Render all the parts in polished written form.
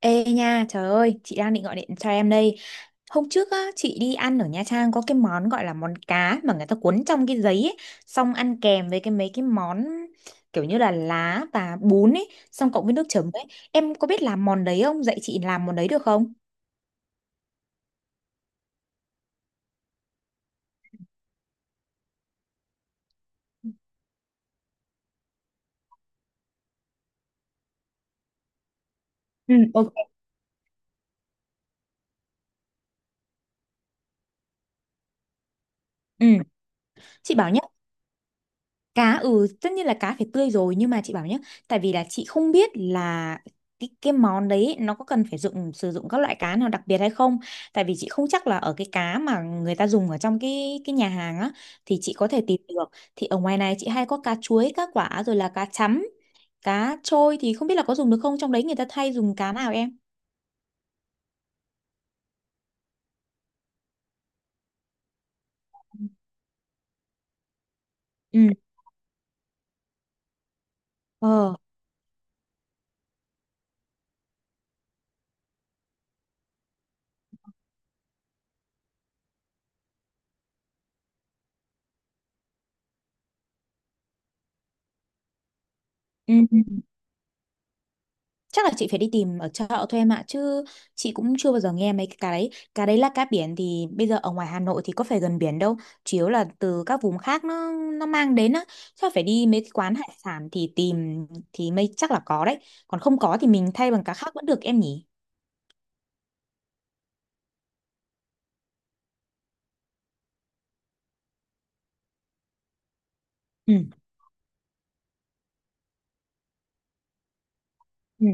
Ê nha, trời ơi, chị đang định gọi điện cho em đây. Hôm trước á, chị đi ăn ở Nha Trang có cái món gọi là món cá mà người ta cuốn trong cái giấy ấy, xong ăn kèm với cái mấy cái món kiểu như là lá và bún ấy, xong cộng với nước chấm ấy. Em có biết làm món đấy không? Dạy chị làm món đấy được không? Ừ, ok. Ừ, chị bảo nhá. Cá, tất nhiên là cá phải tươi rồi, nhưng mà chị bảo nhé. Tại vì là chị không biết là cái món đấy nó có cần phải sử dụng các loại cá nào đặc biệt hay không. Tại vì chị không chắc là ở cái cá mà người ta dùng ở trong cái nhà hàng á thì chị có thể tìm được. Thì ở ngoài này chị hay có cá chuối, cá quả, rồi là cá chấm, cá trôi, thì không biết là có dùng được không, trong đấy người ta thay dùng cá nào, em? Ừ. Ờ. Ừ. Chắc là chị phải đi tìm ở chợ thôi, em ạ. Chứ chị cũng chưa bao giờ nghe mấy cái đấy. Cá đấy là cá biển, thì bây giờ ở ngoài Hà Nội thì có phải gần biển đâu. Chủ yếu là từ các vùng khác nó mang đến á. Chắc phải đi mấy cái quán hải sản thì tìm, thì mới chắc là có đấy. Còn không có thì mình thay bằng cá khác vẫn được, em nhỉ? Ừ, ừ,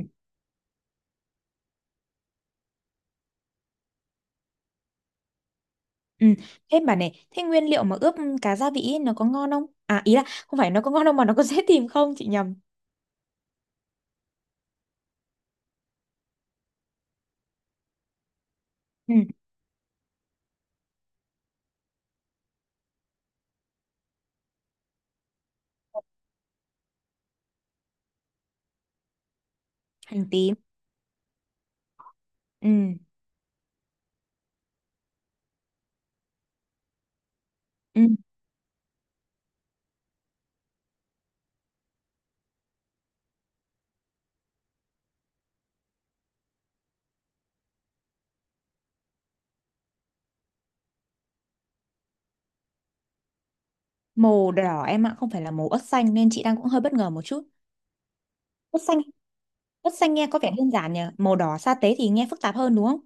ừ. Thế bà này, thế nguyên liệu mà ướp cá gia vị ấy, nó có ngon không? À, ý là không phải nó có ngon đâu mà nó có dễ tìm không, chị nhầm. Ừ, hành tím. Ừ, ừ. Màu đỏ em ạ, không phải là màu ớt xanh nên chị đang cũng hơi bất ngờ một chút. Quất xanh, quất xanh nghe có vẻ đơn giản nhỉ, màu đỏ sa tế thì nghe phức tạp hơn đúng không?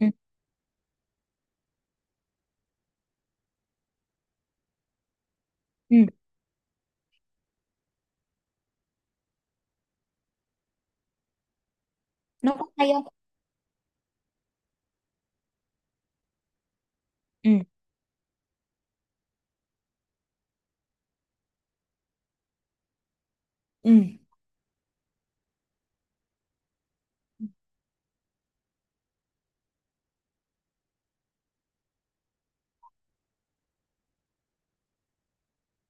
Ừ, ừ. Nó có hay không? Ừ, ừ.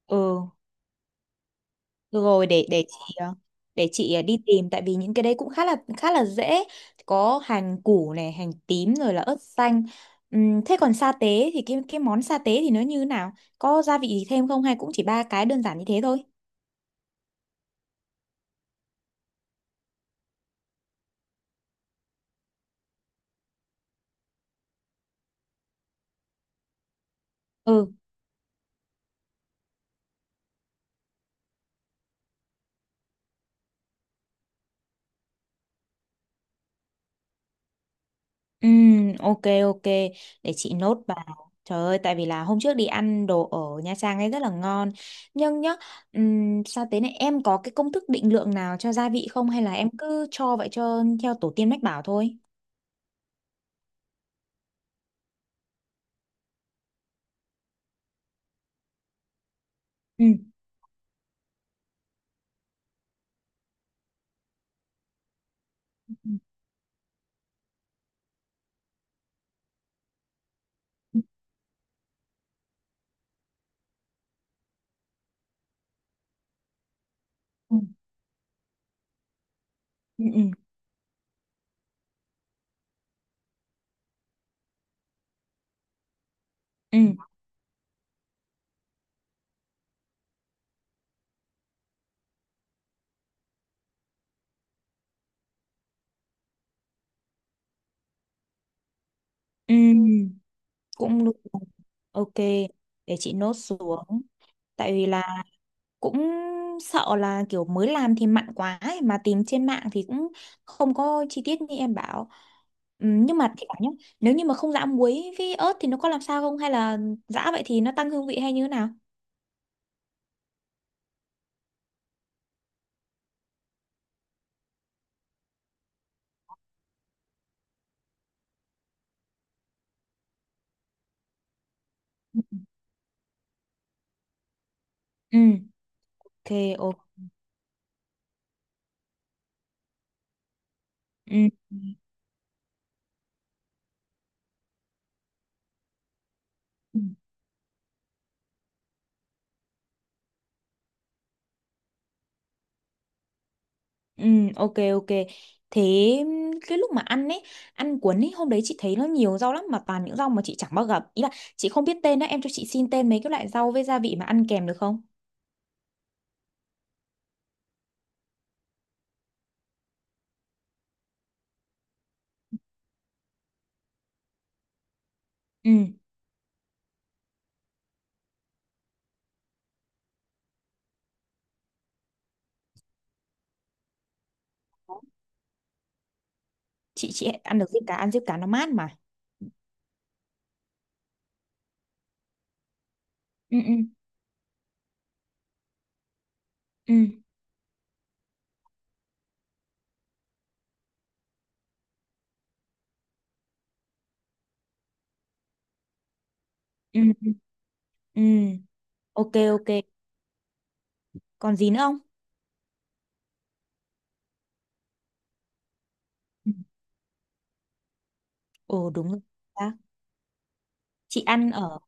Ừ, được rồi, để chị đi tìm. Tại vì những cái đấy cũng khá là dễ. Có hành củ này, hành tím, rồi là ớt xanh. Thế còn sa tế thì cái món sa tế thì nó như thế nào? Có gia vị gì thêm không hay cũng chỉ ba cái đơn giản như thế thôi? Ừ. Ok, ok, để chị nốt vào. Trời ơi, tại vì là hôm trước đi ăn đồ ở Nha Trang ấy rất là ngon. Nhưng nhá, sao thế này, em có cái công thức định lượng nào cho gia vị không, hay là em cứ cho vậy, cho theo tổ tiên mách bảo thôi? Ừ, ừ, ừ, ừ, ừ, ừ, ừ, cũng được. Ok, để chị nốt xuống. Tại vì là cũng sợ là kiểu mới làm thì mặn quá ấy, mà tìm trên mạng thì cũng không có chi tiết như em bảo. Nhưng mà thì bảo nhá, nếu như mà không giã muối với ớt thì nó có làm sao không, hay là giã vậy thì nó tăng hương vị hay như thế nào? Ừ, ok, ok. Ừ. Ừ, ừ, ok, ok. Thế cái lúc mà ăn ấy, ăn cuốn ấy, hôm đấy chị thấy nó nhiều rau lắm mà toàn những rau mà chị chẳng bao gặp, ý là chị không biết tên đó, em cho chị xin tên mấy cái loại rau với gia vị mà ăn kèm được không? Ừ. Chị ăn được diếp cá, ăn diếp cá nó mát mà. Ừ, ừ, ừ, ừ, ừ, ừ. Ok, ok, còn gì nữa không? Ừ. Ồ, đúng rồi. À, chị ăn ở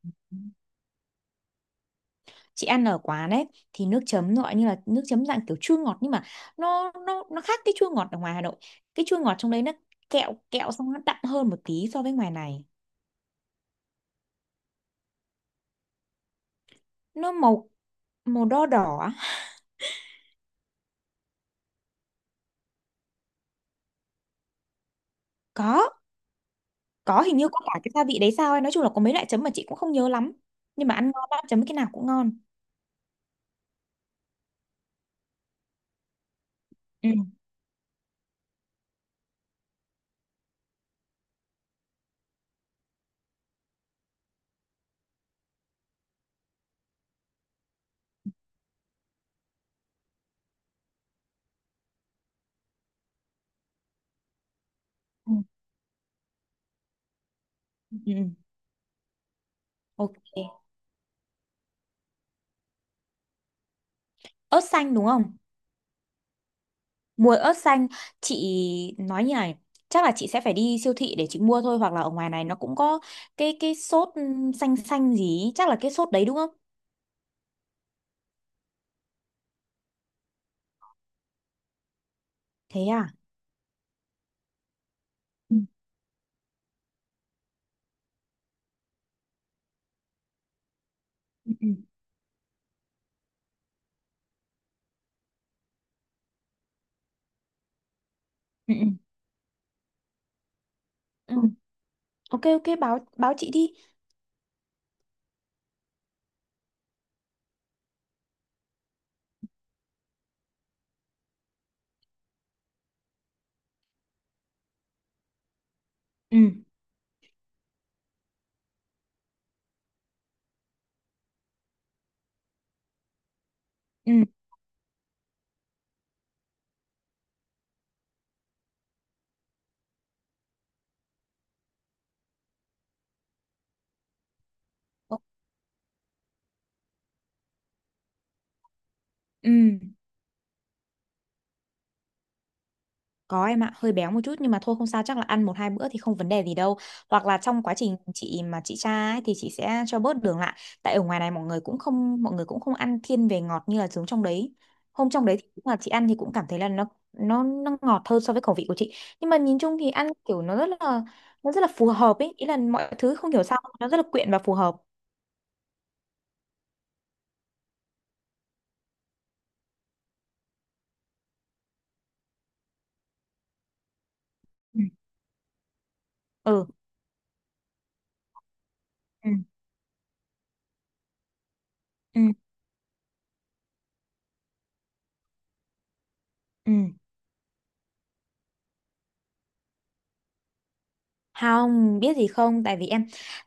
chị ăn ở quán ấy thì nước chấm gọi như là nước chấm dạng kiểu chua ngọt, nhưng mà nó khác cái chua ngọt ở ngoài Hà Nội. Cái chua ngọt trong đấy nó kẹo kẹo, xong nó đậm hơn một tí so với ngoài này. Nó màu màu đo đỏ á. có có hình như có cả cái gia vị đấy sao ấy, nói chung là có mấy loại chấm mà chị cũng không nhớ lắm, nhưng mà ăn ngon lắm, chấm cái nào cũng ngon. Ừ, ừ, ừ, ừ. Ok, ớt xanh đúng không? Mua ớt xanh, chị nói như này, chắc là chị sẽ phải đi siêu thị để chị mua thôi, hoặc là ở ngoài này nó cũng có cái sốt xanh xanh gì, ý, chắc là cái sốt đấy đúng không? Thế à? Ừ, ừ, ừ, ừ, ừ. Ừ. Ok, ok, báo báo chị đi. Ừ. Ừ. Ừ. Có em ạ, hơi béo một chút nhưng mà thôi không sao, chắc là ăn một hai bữa thì không vấn đề gì đâu. Hoặc là trong quá trình chị mà chị tra ấy, thì chị sẽ cho bớt đường lại. Tại ở ngoài này mọi người cũng không ăn thiên về ngọt như là giống trong đấy. Hôm trong đấy thì cũng là chị ăn thì cũng cảm thấy là nó ngọt hơn so với khẩu vị của chị. Nhưng mà nhìn chung thì ăn kiểu nó rất là phù hợp ấy, ý là mọi thứ không hiểu sao nó rất là quyện và phù hợp. Ừ. Ừ. Ừ. Ừ. Ừ. Không, biết gì không? Tại vì em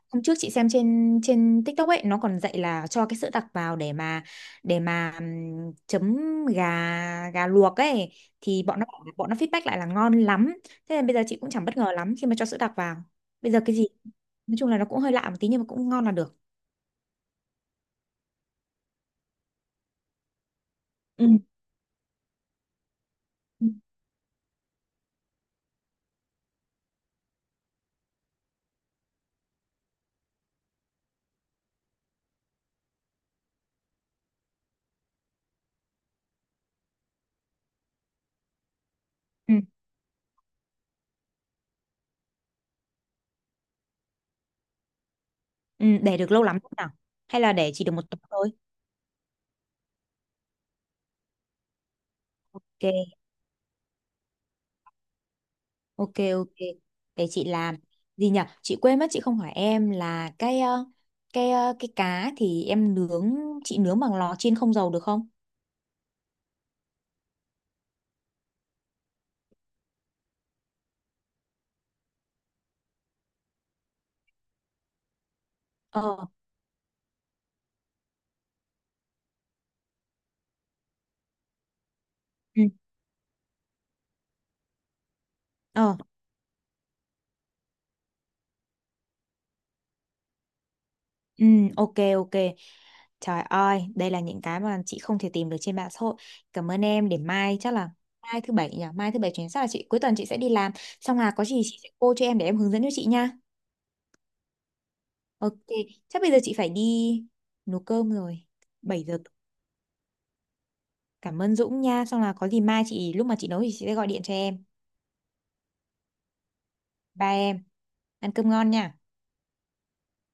hôm trước chị xem trên trên TikTok ấy, nó còn dạy là cho cái sữa đặc vào để mà chấm gà gà luộc ấy, thì bọn nó feedback lại là ngon lắm. Thế nên bây giờ chị cũng chẳng bất ngờ lắm khi mà cho sữa đặc vào. Bây giờ cái gì nói chung là nó cũng hơi lạ một tí nhưng mà cũng ngon là được. Ừ. Ừ, ừ, ừ, để được lâu lắm không nào? Hay là để chỉ được một tuần thôi? Ok. Ok, ok, để chị làm gì nhỉ, chị quên mất chị không hỏi em là cái cá thì em nướng, chị nướng bằng lò chiên không dầu được không? Ờ, ừ, ờ, ừ, ok, ok. Trời ơi, đây là những cái mà chị không thể tìm được trên mạng xã hội. Cảm ơn em, để mai chắc là, mai thứ bảy nhỉ, mai thứ bảy chuyến, chắc là chị cuối tuần chị sẽ đi làm, xong là có gì chị sẽ cô cho em để em hướng dẫn cho chị nha. Ok, chắc bây giờ chị phải đi nấu cơm rồi. 7 giờ. Cảm ơn Dũng nha. Xong là có gì mai chị lúc mà chị nấu thì chị sẽ gọi điện cho em. Ba em. Ăn cơm ngon nha.